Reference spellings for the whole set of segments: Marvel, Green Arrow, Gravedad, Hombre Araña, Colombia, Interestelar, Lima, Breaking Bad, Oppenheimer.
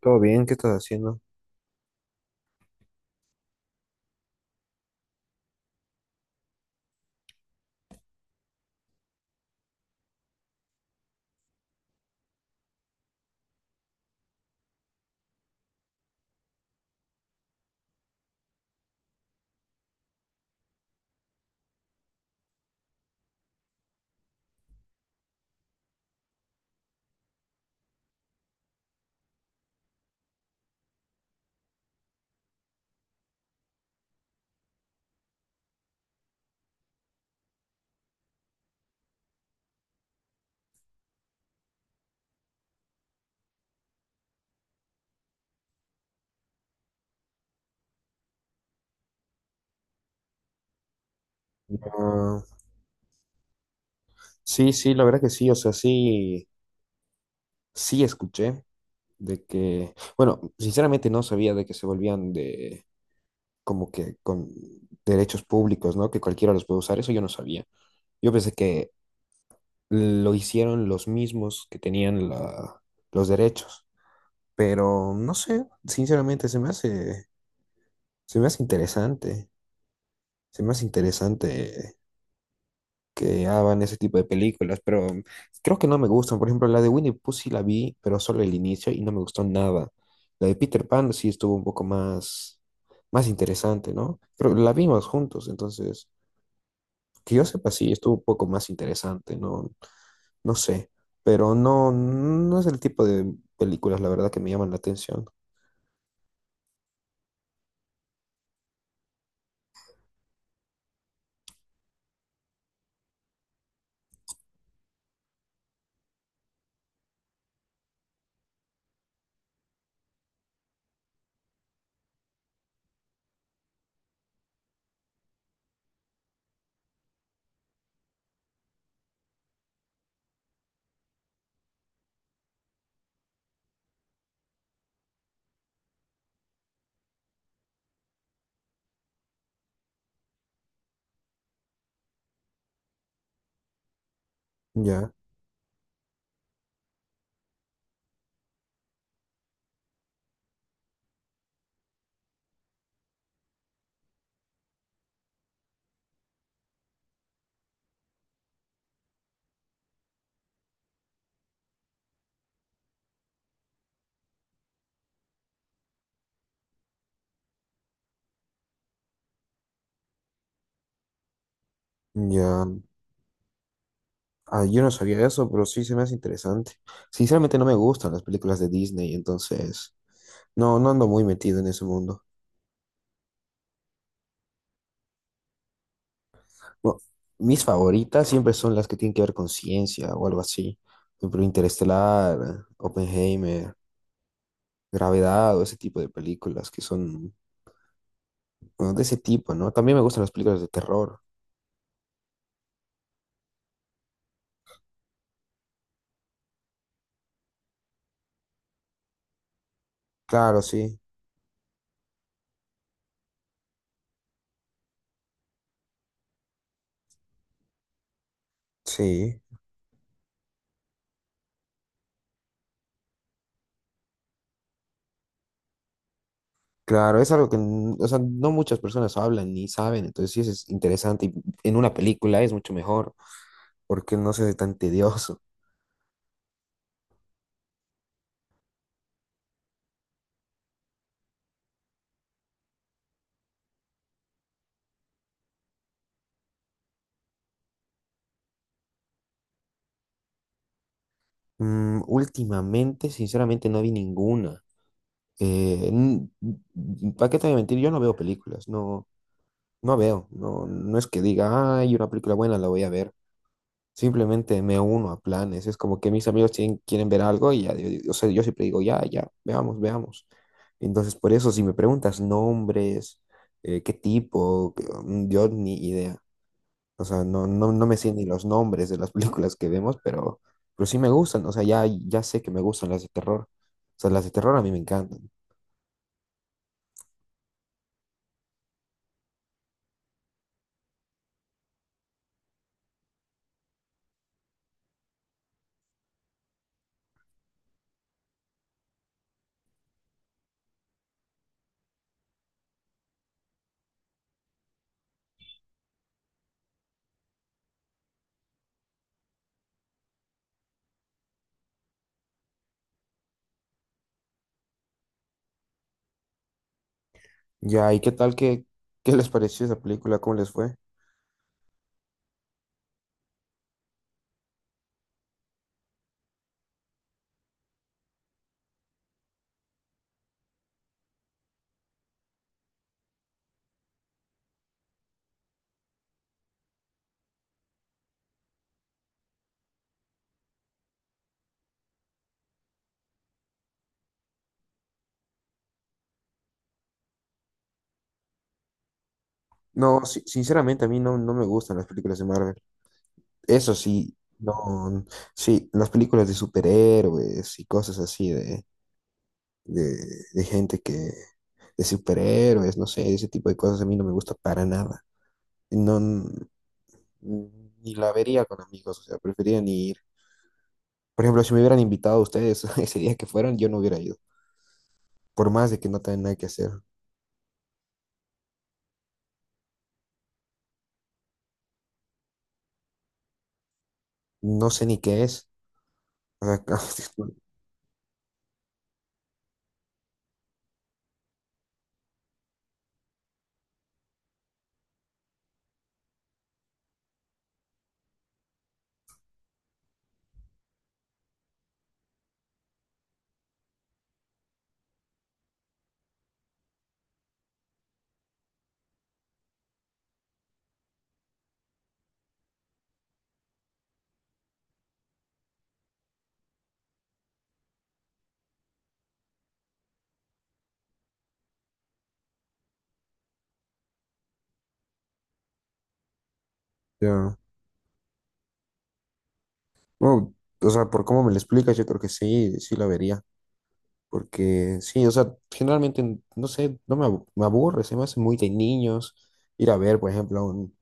Todo bien, ¿qué estás haciendo? Ah, sí, sí, la verdad que sí, o sea, sí, sí escuché de que, bueno, sinceramente no sabía de que se volvían de, como que con derechos públicos, ¿no? Que cualquiera los puede usar, eso yo no sabía. Yo pensé que lo hicieron los mismos que tenían la, los derechos, pero no sé, sinceramente se me hace, se me hace interesante, se me hace interesante que hagan ese tipo de películas, pero creo que no me gustan. Por ejemplo, la de Winnie Pooh sí la vi, pero solo el inicio y no me gustó nada. La de Peter Pan sí estuvo un poco más, más interesante, ¿no? Pero la vimos juntos, entonces, que yo sepa, sí, estuvo un poco más interesante, no, no sé. Pero no, no es el tipo de películas, la verdad, que me llaman la atención. Ya, ya. Ah, yo no sabía eso, pero sí se me hace interesante. Sinceramente no me gustan las películas de Disney, entonces no, no ando muy metido en ese mundo. Bueno, mis favoritas siempre son las que tienen que ver con ciencia o algo así. Por ejemplo, Interestelar, Oppenheimer, Gravedad o ese tipo de películas que son, bueno, de ese tipo, ¿no? También me gustan las películas de terror. Claro, sí, sí. Claro, es algo que, o sea, no muchas personas hablan ni saben, entonces sí eso es interesante y en una película es mucho mejor porque no se hace tan tedioso. Mm, últimamente, sinceramente, no vi ninguna. Eh, ¿Para qué te voy a mentir? Yo no veo películas, no, no veo, no, no es que diga, ay, una película buena la voy a ver. Simplemente me uno a planes. Es como que mis amigos quieren ver algo y ya, o sea, yo siempre digo, ya, ya, veamos, veamos. Entonces, por eso, si me preguntas nombres, qué tipo, yo ni idea. O sea, no, no, no me sé ni los nombres de las películas que vemos, pero sí me gustan. O sea, ya, ya sé que me gustan las de terror. O sea, las de terror a mí me encantan. Ya, ¿y qué tal? ¿Qué, qué les pareció esa película? ¿Cómo les fue? No, sinceramente a mí no, no me gustan las películas de Marvel. Eso sí, no, sí, las películas de superhéroes y cosas así de, de, de gente que, de superhéroes, no sé, ese tipo de cosas a mí no me gusta para nada. No, ni la vería con amigos, o sea, preferiría ni ir. Por ejemplo, si me hubieran invitado a ustedes ese día que fueron, yo no hubiera ido, por más de que no tengan nada que hacer. No sé ni qué es. O sea, ya. Bueno, o sea, por cómo me lo explicas, yo creo que sí, sí la vería. Porque sí, o sea, generalmente, no sé, no me, abu- me aburre, se me hace muy de niños ir a ver, por ejemplo, un,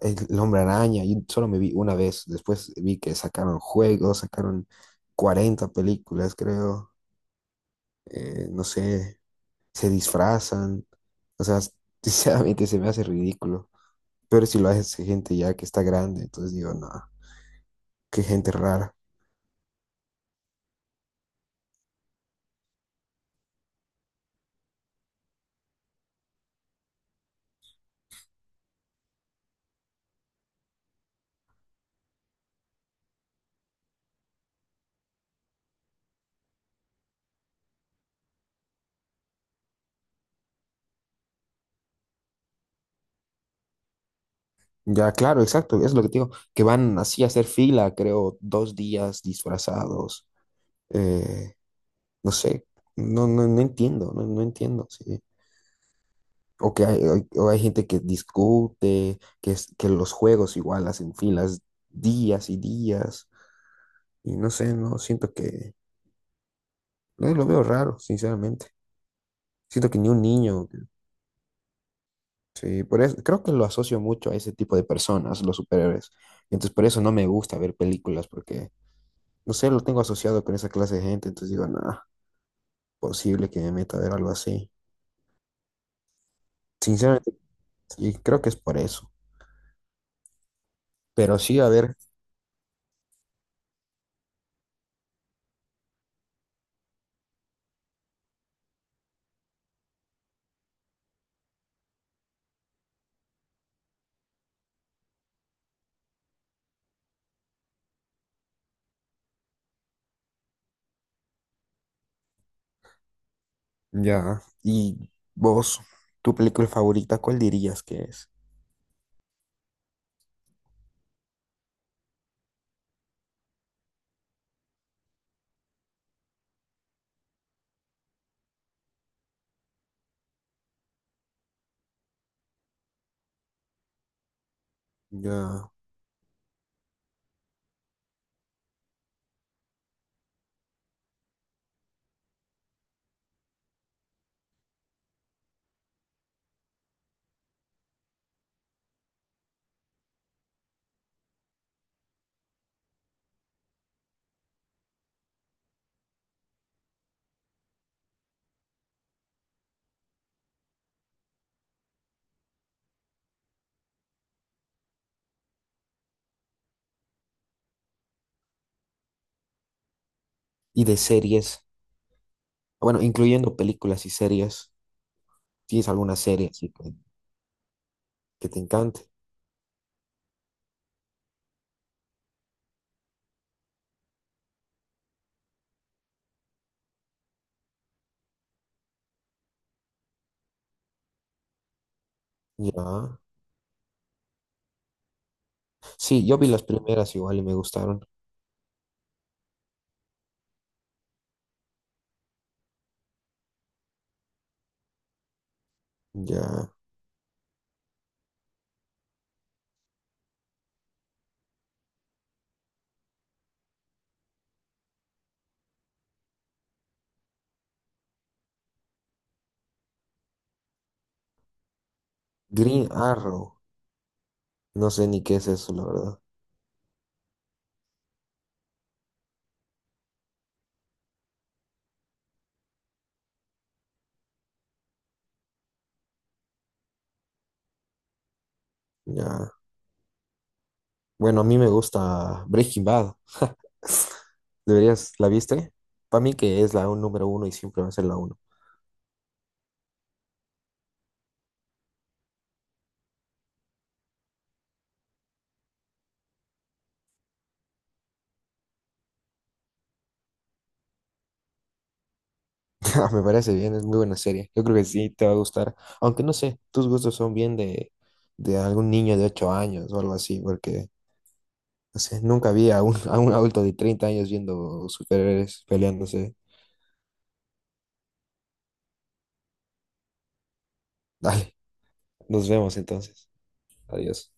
el Hombre Araña, y solo me vi una vez, después vi que sacaron juegos, sacaron 40 películas, creo, no sé, se disfrazan, o sea, sinceramente se me hace ridículo, pero si lo hace gente ya que está grande, entonces digo, no, qué gente rara. Ya, claro, exacto, es lo que te digo, que van así a hacer fila, creo, dos días disfrazados. eh, no sé, no, no, no entiendo, no, no entiendo, sí. O que hay, o hay gente que discute, que, que los juegos igual hacen filas días y días, y no sé, no, siento que, no, lo veo raro, sinceramente. Siento que ni un niño, sí, por eso, creo que lo asocio mucho a ese tipo de personas, los superhéroes. Entonces, por eso no me gusta ver películas, porque, no sé, lo tengo asociado con esa clase de gente, entonces digo, nada, posible que me meta a ver algo así. Sinceramente, sí, creo que es por eso. Pero sí, a ver, ya. ¿Y vos, tu película favorita, cuál dirías que es? Ya. Y de series, bueno, incluyendo películas y series, ¿tienes alguna serie así que te encante? Ya. Sí, yo vi las primeras igual y me gustaron. Ya. Green Arrow, no sé ni qué es eso, la verdad. Ya. Bueno, a mí me gusta Breaking Bad. Deberías, ¿la viste? Para mí que es la número uno y siempre va a ser la uno. Me parece bien, es muy buena serie. Yo creo que sí te va a gustar. Aunque no sé, tus gustos son bien de algún niño de 8 años o algo así, porque no sé, nunca vi a un, a un adulto de 30 años viendo superhéroes peleándose. Dale, nos vemos entonces. Adiós.